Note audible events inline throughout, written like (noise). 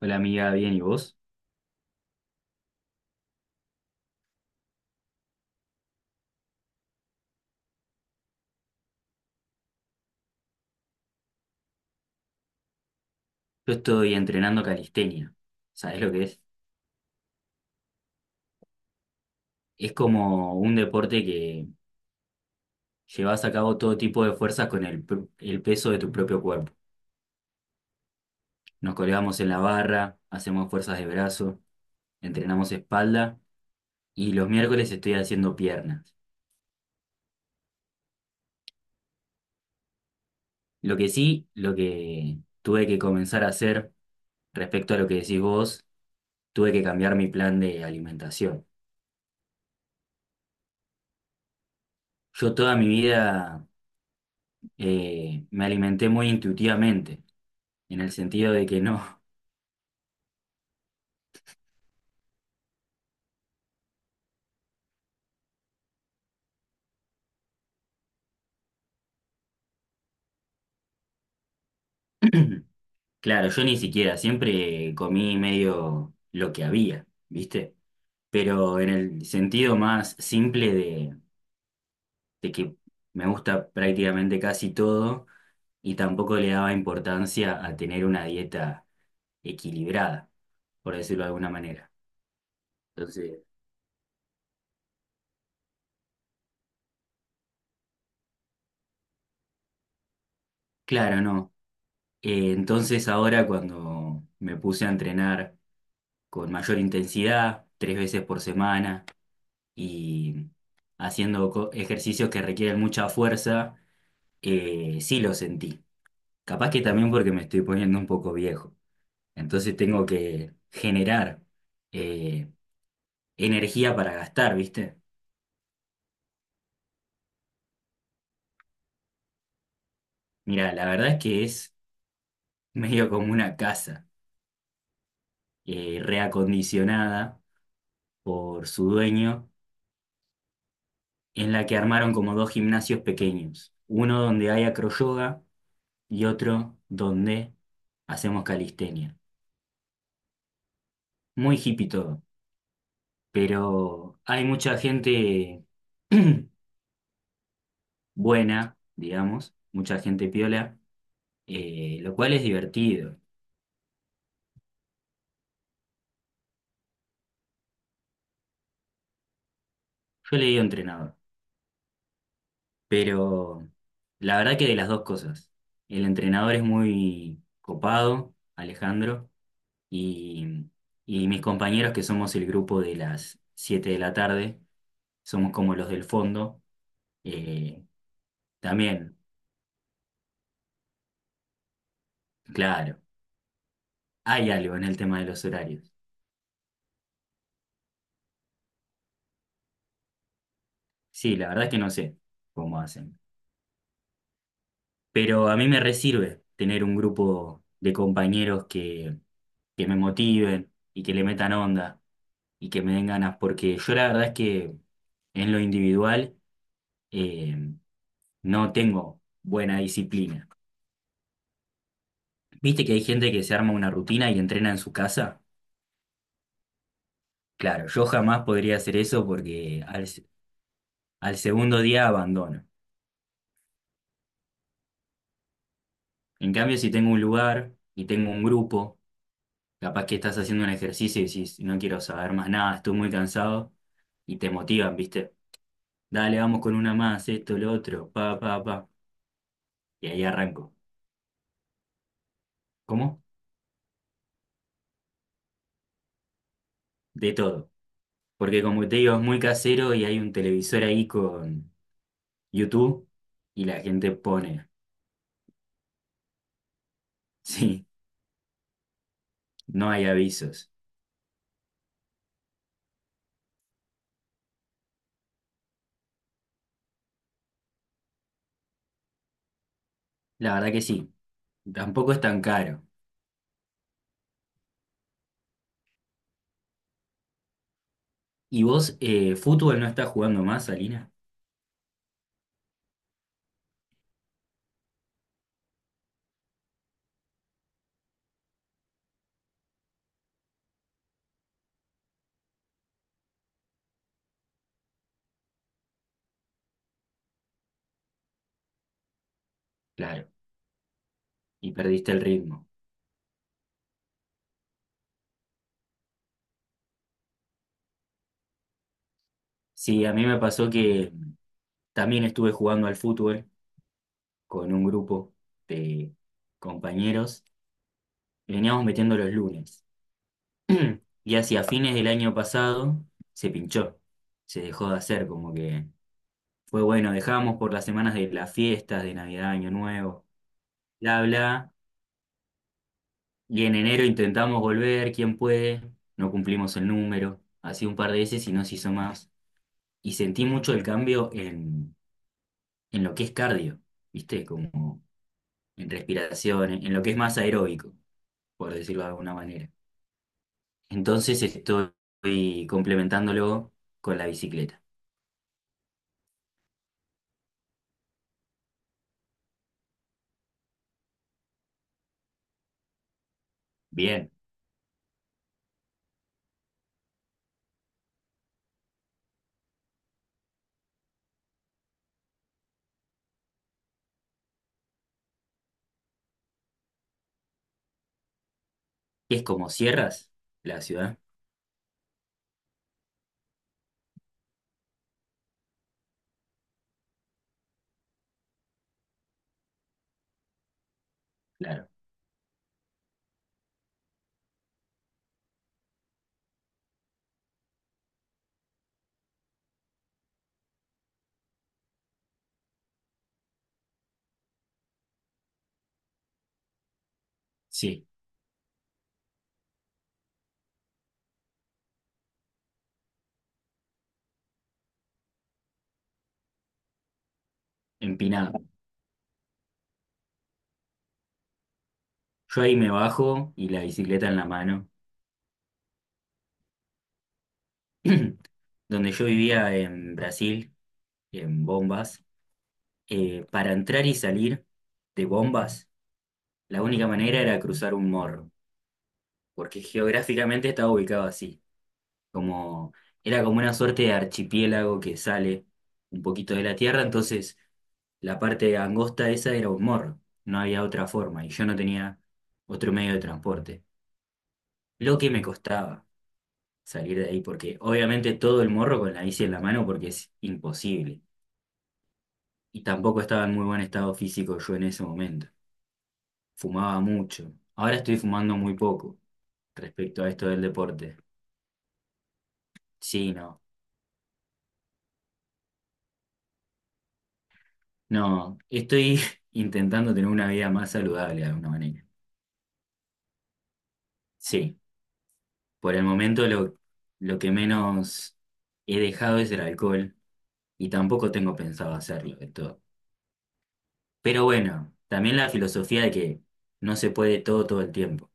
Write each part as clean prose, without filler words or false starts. Hola amiga, bien, ¿y vos? Yo estoy entrenando calistenia. ¿Sabés lo que es? Es como un deporte que llevas a cabo todo tipo de fuerzas con el peso de tu propio cuerpo. Nos colgamos en la barra, hacemos fuerzas de brazo, entrenamos espalda y los miércoles estoy haciendo piernas. Lo que sí, lo que tuve que comenzar a hacer respecto a lo que decís vos, tuve que cambiar mi plan de alimentación. Yo toda mi vida me alimenté muy intuitivamente, en el sentido de que no. (clears throat) Claro, yo ni siquiera, siempre comí medio lo que había, ¿viste? Pero en el sentido más simple de que me gusta prácticamente casi todo y tampoco le daba importancia a tener una dieta equilibrada, por decirlo de alguna manera. Entonces, claro, no. Entonces ahora cuando me puse a entrenar con mayor intensidad, tres veces por semana, y haciendo ejercicios que requieren mucha fuerza, sí lo sentí. Capaz que también porque me estoy poniendo un poco viejo. Entonces tengo que generar eh, energía para gastar, ¿viste? Mira, la verdad es que es (laughs) medio como una casa reacondicionada por su dueño, en la que armaron como dos gimnasios pequeños. Uno donde hay acroyoga y otro donde hacemos calistenia. Muy hippie todo, pero hay mucha gente (clears throat) buena, digamos, mucha gente piola, lo cual es divertido. Yo le digo entrenador, pero la verdad que de las dos cosas. El entrenador es muy copado, Alejandro, y, y mis compañeros, que somos el grupo de las 7 de la tarde, somos como los del fondo, eh, también, claro, hay algo en el tema de los horarios. Sí, la verdad es que no sé cómo hacen. Pero a mí me resirve tener un grupo de compañeros que me motiven y que le metan onda y que me den ganas, porque yo la verdad es que en lo individual eh, no tengo buena disciplina. ¿Viste que hay gente que se arma una rutina y entrena en su casa? Claro, yo jamás podría hacer eso porque al segundo día abandono. En cambio, si tengo un lugar y tengo un grupo, capaz que estás haciendo un ejercicio y decís, no quiero saber más nada, estoy muy cansado, y te motivan, ¿viste? Dale, vamos con una más, esto, lo otro, pa, pa, pa. Y ahí arranco. ¿Cómo? De todo. Porque como te digo, es muy casero y hay un televisor ahí con YouTube y la gente pone, (laughs) sí, no hay avisos. La verdad que sí, tampoco es tan caro. ¿Y vos, fútbol no estás jugando más, alina? Claro, y perdiste el ritmo. Sí, a mí me pasó que también estuve jugando al fútbol con un grupo de compañeros y veníamos metiendo los lunes. (clears throat) Y hacia fines del año pasado se pinchó, se dejó de hacer, como que fue bueno, dejamos por las semanas de las fiestas, de Navidad, Año Nuevo, bla, bla. Y en enero intentamos volver, quién puede, no cumplimos el número, así un par de veces y no se hizo más. Y sentí mucho el cambio en lo que es cardio, ¿viste? Como en respiración, en lo que es más aeróbico, por decirlo de alguna manera. Entonces estoy complementándolo con la bicicleta. Bien. ¿Es como sierras la ciudad? Claro. Sí, empinado. Yo ahí me bajo y la bicicleta en la mano. (clears throat) Donde yo vivía en Brasil, en Bombas, para entrar y salir de Bombas, la única manera era cruzar un morro, porque geográficamente estaba ubicado así, como era como una suerte de archipiélago que sale un poquito de la tierra, entonces la parte angosta esa era un morro, no había otra forma y yo no tenía otro medio de transporte. Lo que me costaba salir de ahí, porque obviamente todo el morro con la bici en la mano porque es imposible. Y tampoco estaba en muy buen estado físico yo en ese momento. Fumaba mucho. Ahora estoy fumando muy poco respecto a esto del deporte. Sí, no. No, estoy (laughs) intentando tener una vida más saludable de alguna manera. Sí, por el momento lo que menos he dejado es el alcohol y tampoco tengo pensado hacerlo de todo. Pero bueno, también la filosofía de que no se puede todo todo el tiempo,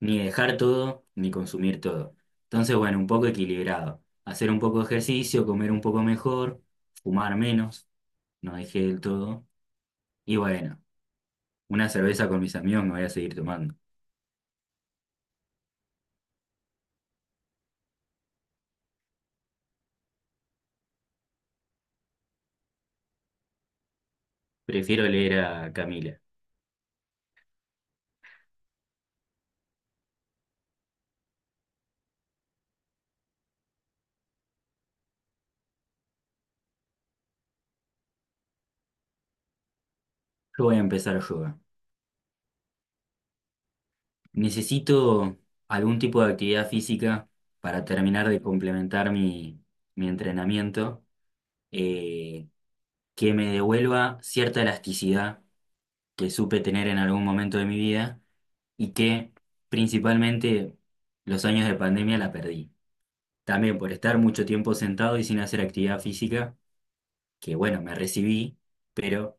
ni dejar todo, ni consumir todo. Entonces, bueno, un poco equilibrado. Hacer un poco de ejercicio, comer un poco mejor, fumar menos, no dejé del todo. Y bueno, una cerveza con mis amigos me voy a seguir tomando. Prefiero leer a Camila. Yo voy a empezar yoga. Necesito algún tipo de actividad física para terminar de complementar mi entrenamiento, eh, que me devuelva cierta elasticidad que supe tener en algún momento de mi vida y que principalmente los años de pandemia la perdí. También por estar mucho tiempo sentado y sin hacer actividad física, que bueno, me recibí, pero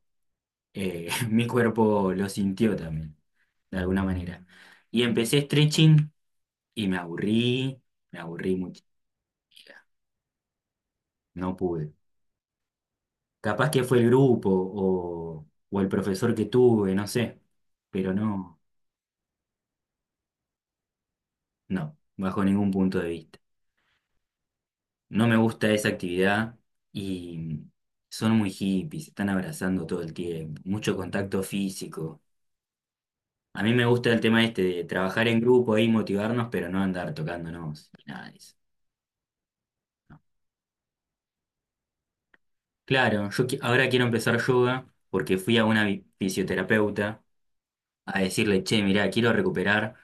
(laughs) mi cuerpo lo sintió también, de alguna manera. Y empecé stretching y me aburrí mucho, no pude. Capaz que fue el grupo o el profesor que tuve, no sé, pero no, no, bajo ningún punto de vista. No me gusta esa actividad y son muy hippies, se están abrazando todo el tiempo, mucho contacto físico. A mí me gusta el tema este de trabajar en grupo y motivarnos, pero no andar tocándonos, ni nada de eso. Claro, yo ahora quiero empezar yoga porque fui a una fisioterapeuta a decirle, che, mirá, quiero recuperar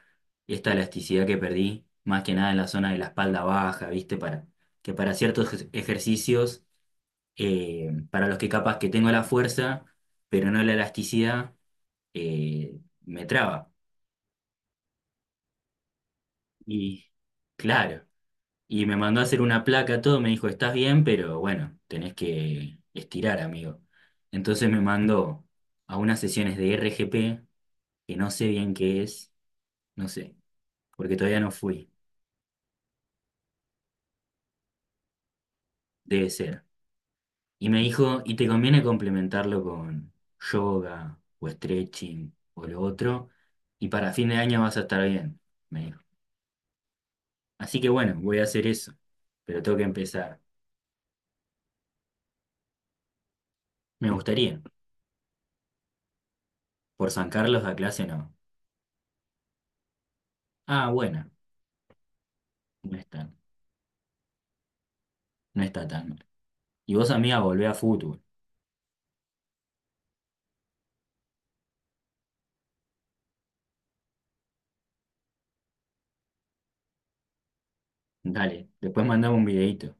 esta elasticidad que perdí, más que nada en la zona de la espalda baja, ¿viste? Que para ciertos ejercicios, para los que capaz que tengo la fuerza, pero no la elasticidad, eh, me traba. Y claro. Y me mandó a hacer una placa, todo, me dijo, estás bien, pero bueno, tenés que estirar, amigo. Entonces me mandó a unas sesiones de RGP, que no sé bien qué es, no sé, porque todavía no fui, debe ser. Y me dijo, y te conviene complementarlo con yoga o stretching o lo otro, y para fin de año vas a estar bien, me dijo. Así que bueno, voy a hacer eso, pero tengo que empezar. Me gustaría, por San Carlos la clase no. Ah, bueno, no está, no está tan mal. Y vos, amiga, volvé a fútbol. Dale, después mandame un videíto.